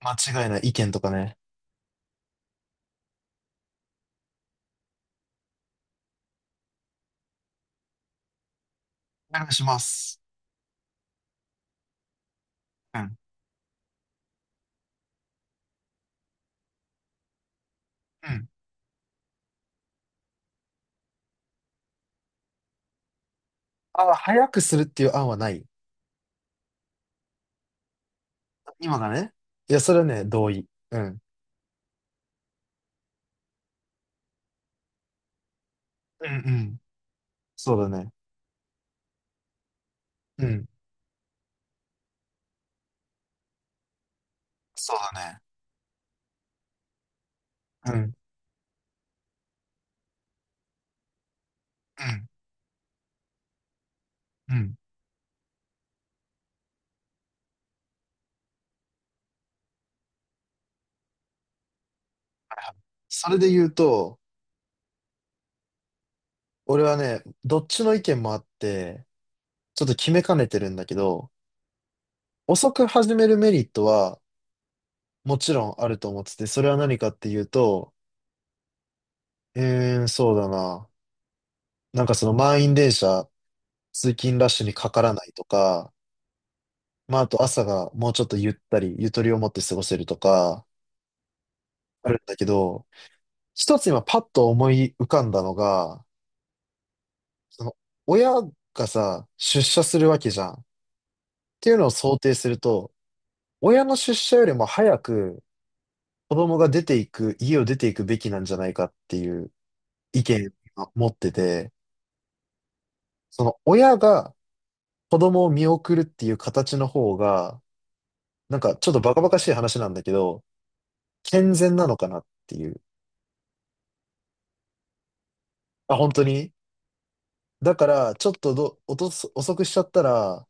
間違いない意見とかね。お願いします。うん。うん。あ、早くするっていう案はない。今がね。いや、それはね、同意。うん。うんうん。そうだね。うん。そうだね。うん。うん。うん。はいはい。それで言うと、俺はね、どっちの意見もあって、ちょっと決めかねてるんだけど、遅く始めるメリットはもちろんあると思ってて、それは何かっていうと、そうだな。なんかその満員電車、通勤ラッシュにかからないとか、まあ、あと朝がもうちょっとゆったり、ゆとりを持って過ごせるとか、あるんだけど、一つ今パッと思い浮かんだのが、その、親がさ、出社するわけじゃん。っていうのを想定すると、親の出社よりも早く子供が出ていく、家を出ていくべきなんじゃないかっていう意見を持ってて、その親が子供を見送るっていう形の方が、なんかちょっとバカバカしい話なんだけど、健全なのかなっていう。あ、本当に。だから、ちょっとど、おとす、遅くしちゃったら、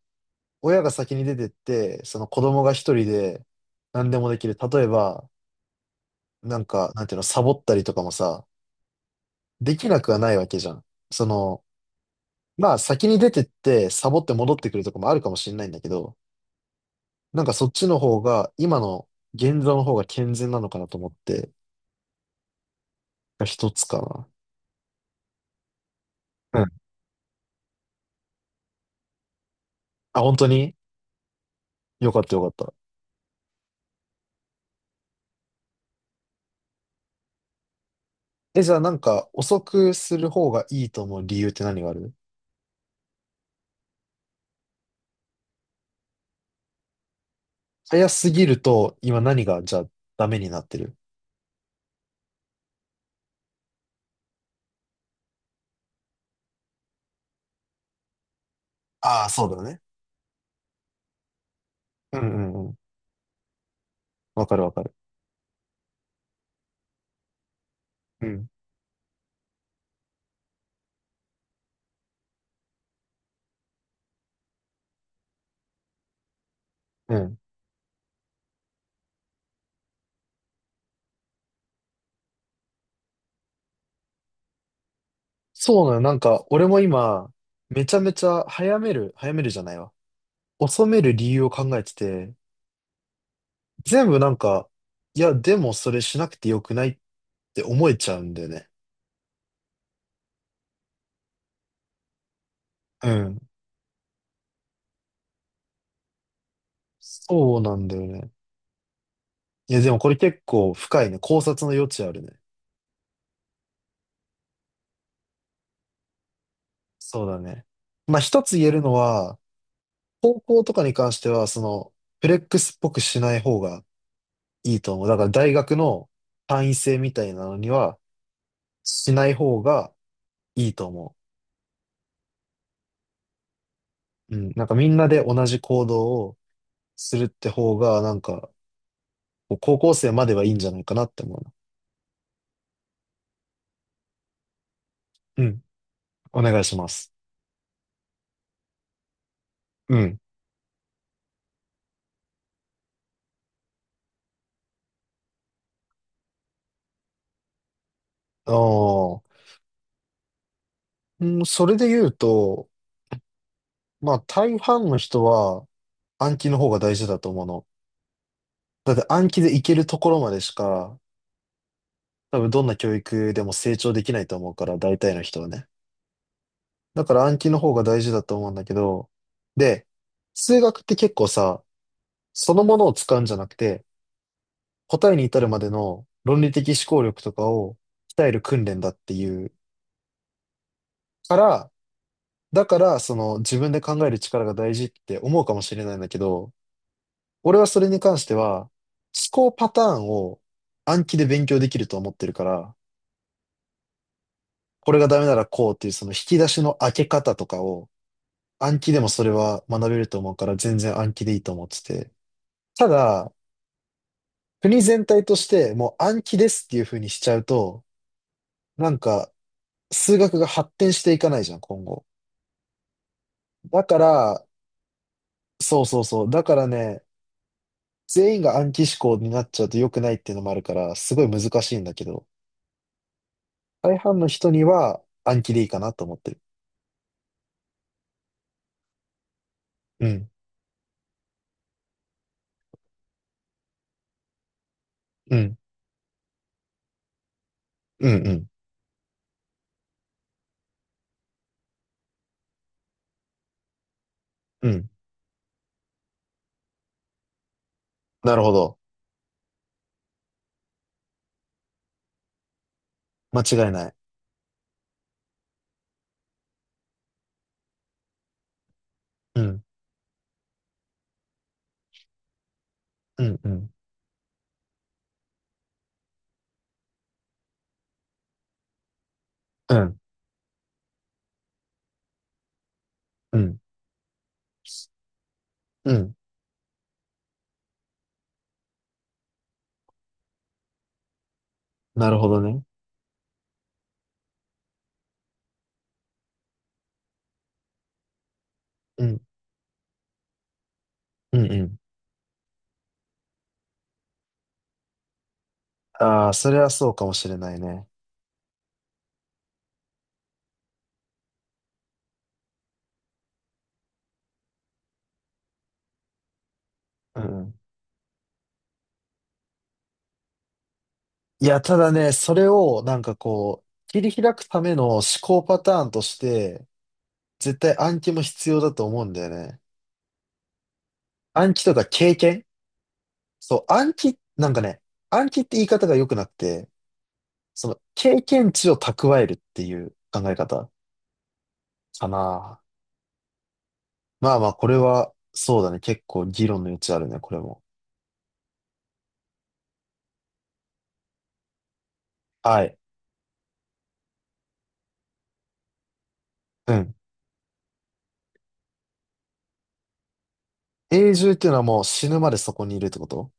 親が先に出てって、その子供が一人で何でもできる。例えば、なんか、なんていうの、サボったりとかもさ、できなくはないわけじゃん。その、まあ先に出てって、サボって戻ってくるとかもあるかもしれないんだけど、なんかそっちの方が、今の現状の方が健全なのかなと思って、が一つかな。うん。あ、本当に。よかったよかった。え、じゃあなんか、遅くする方がいいと思う理由って何がある？早すぎると、今何が、じゃあ、ダメになってる。ああ、そうだね。うんうんうん。わかるわかる。うん。うん。そうなのよ。なんか、俺も今、めちゃめちゃ早める、早めるじゃないわ。遅める理由を考えてて、全部なんか、いや、でもそれしなくてよくないって思えちゃうんだよね。うん。そうなんだよね。いや、でもこれ結構深いね。考察の余地あるね。そうだね。まあ、一つ言えるのは、高校とかに関しては、その、フレックスっぽくしない方がいいと思う。だから大学の単位制みたいなのにはしない方がいいと思う。うん。なんかみんなで同じ行動をするって方が、なんか、こう高校生まではいいんじゃないかなって思うな。うん。お願いします。うん。ああ。うん、それで言うと、まあ大半の人は暗記の方が大事だと思うの。だって暗記でいけるところまでしか、多分どんな教育でも成長できないと思うから、大体の人はね。だから暗記の方が大事だと思うんだけど、で、数学って結構さ、そのものを使うんじゃなくて、答えに至るまでの論理的思考力とかを鍛える訓練だっていうから、だからその自分で考える力が大事って思うかもしれないんだけど、俺はそれに関しては、思考パターンを暗記で勉強できると思ってるから、これがダメならこうっていうその引き出しの開け方とかを暗記でもそれは学べると思うから全然暗記でいいと思ってて。ただ、国全体としてもう暗記ですっていう風にしちゃうと、なんか数学が発展していかないじゃん、今後。だから、そうそうそう。だからね、全員が暗記思考になっちゃうと良くないっていうのもあるから、すごい難しいんだけど、大半の人には暗記でいいかなと思ってる。うん、うん、うん、うん、うん。なるほど。間違いない。うん、うん、うん、うん、うん、うん。なるほどね。うん、うん、うん。ああ、それはそうかもしれないね。うん。いや、ただね、それをなんかこう、切り開くための思考パターンとして、絶対暗記も必要だと思うんだよね。暗記とか経験、そう、暗記、なんかね、暗記って言い方が良くなくて、その経験値を蓄えるっていう考え方かな。まあまあ、これは、そうだね。結構議論の余地あるね、これも。はい。うん。永住っていうのはもう死ぬまでそこにいるってこと？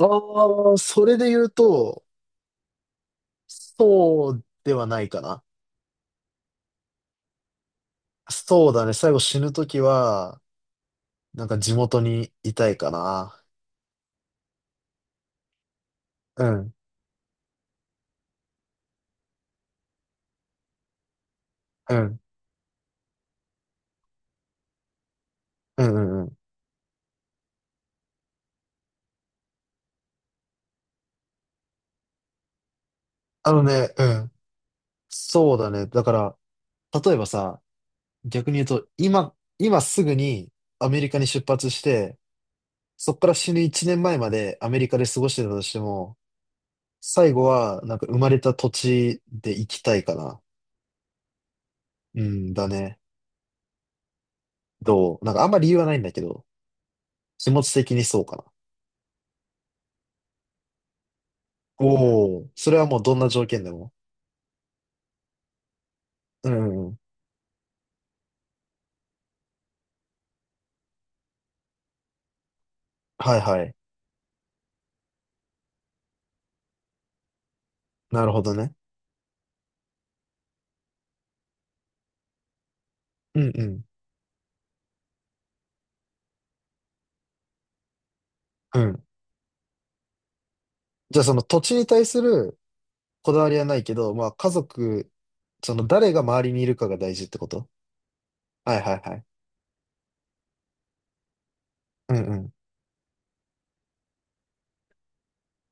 ああー、それで言うと、そうではないかな。そうだね。最後死ぬときは、なんか地元にいたいかな。うん、うん、うん、うん、うん。あのね、うん。そうだね。だから、例えばさ、逆に言うと、今すぐにアメリカに出発して、そっから死ぬ1年前までアメリカで過ごしてたとしても、最後は、なんか生まれた土地で生きたいかな。うんだね。どうなんかあんま理由はないんだけど、気持ち的にそうかな。おお、それはもうどんな条件でも。うん、うんうん。はいはい。なるほどね。うんうん。うん。じゃあその土地に対するこだわりはないけど、まあ家族、その誰が周りにいるかが大事ってこと？はいはいはい。うんうん。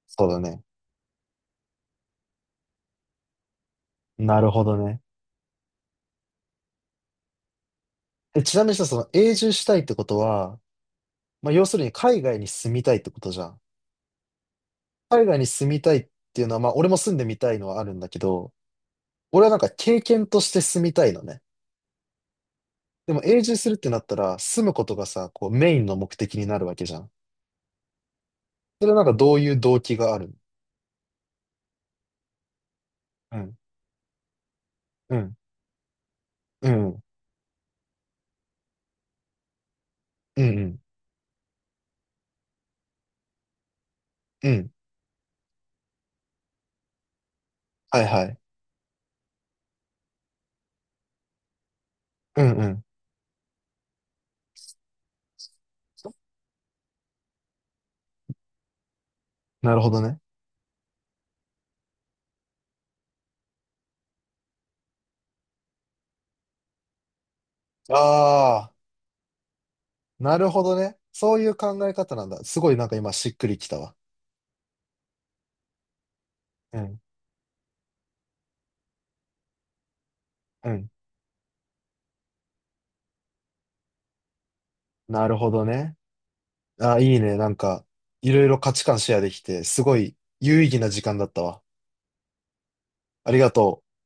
そうだね。なるほどね。え、ちなみにさ、その永住したいってことは、まあ要するに海外に住みたいってことじゃん。海外に住みたいっていうのは、まあ俺も住んでみたいのはあるんだけど、俺はなんか経験として住みたいのね。でも永住するってなったら、住むことがさ、こうメインの目的になるわけじゃん。それはなんかどういう動機があるの？うん。うんうん。うんうん。うん。はいはい。うんうん。なるほどね。ああ、なるほどね。そういう考え方なんだ。すごいなんか今しっくりきたわ。うん。うん。なるほどね。いいね。なんか、いろいろ価値観シェアできて、すごい有意義な時間だったわ。ありがとう。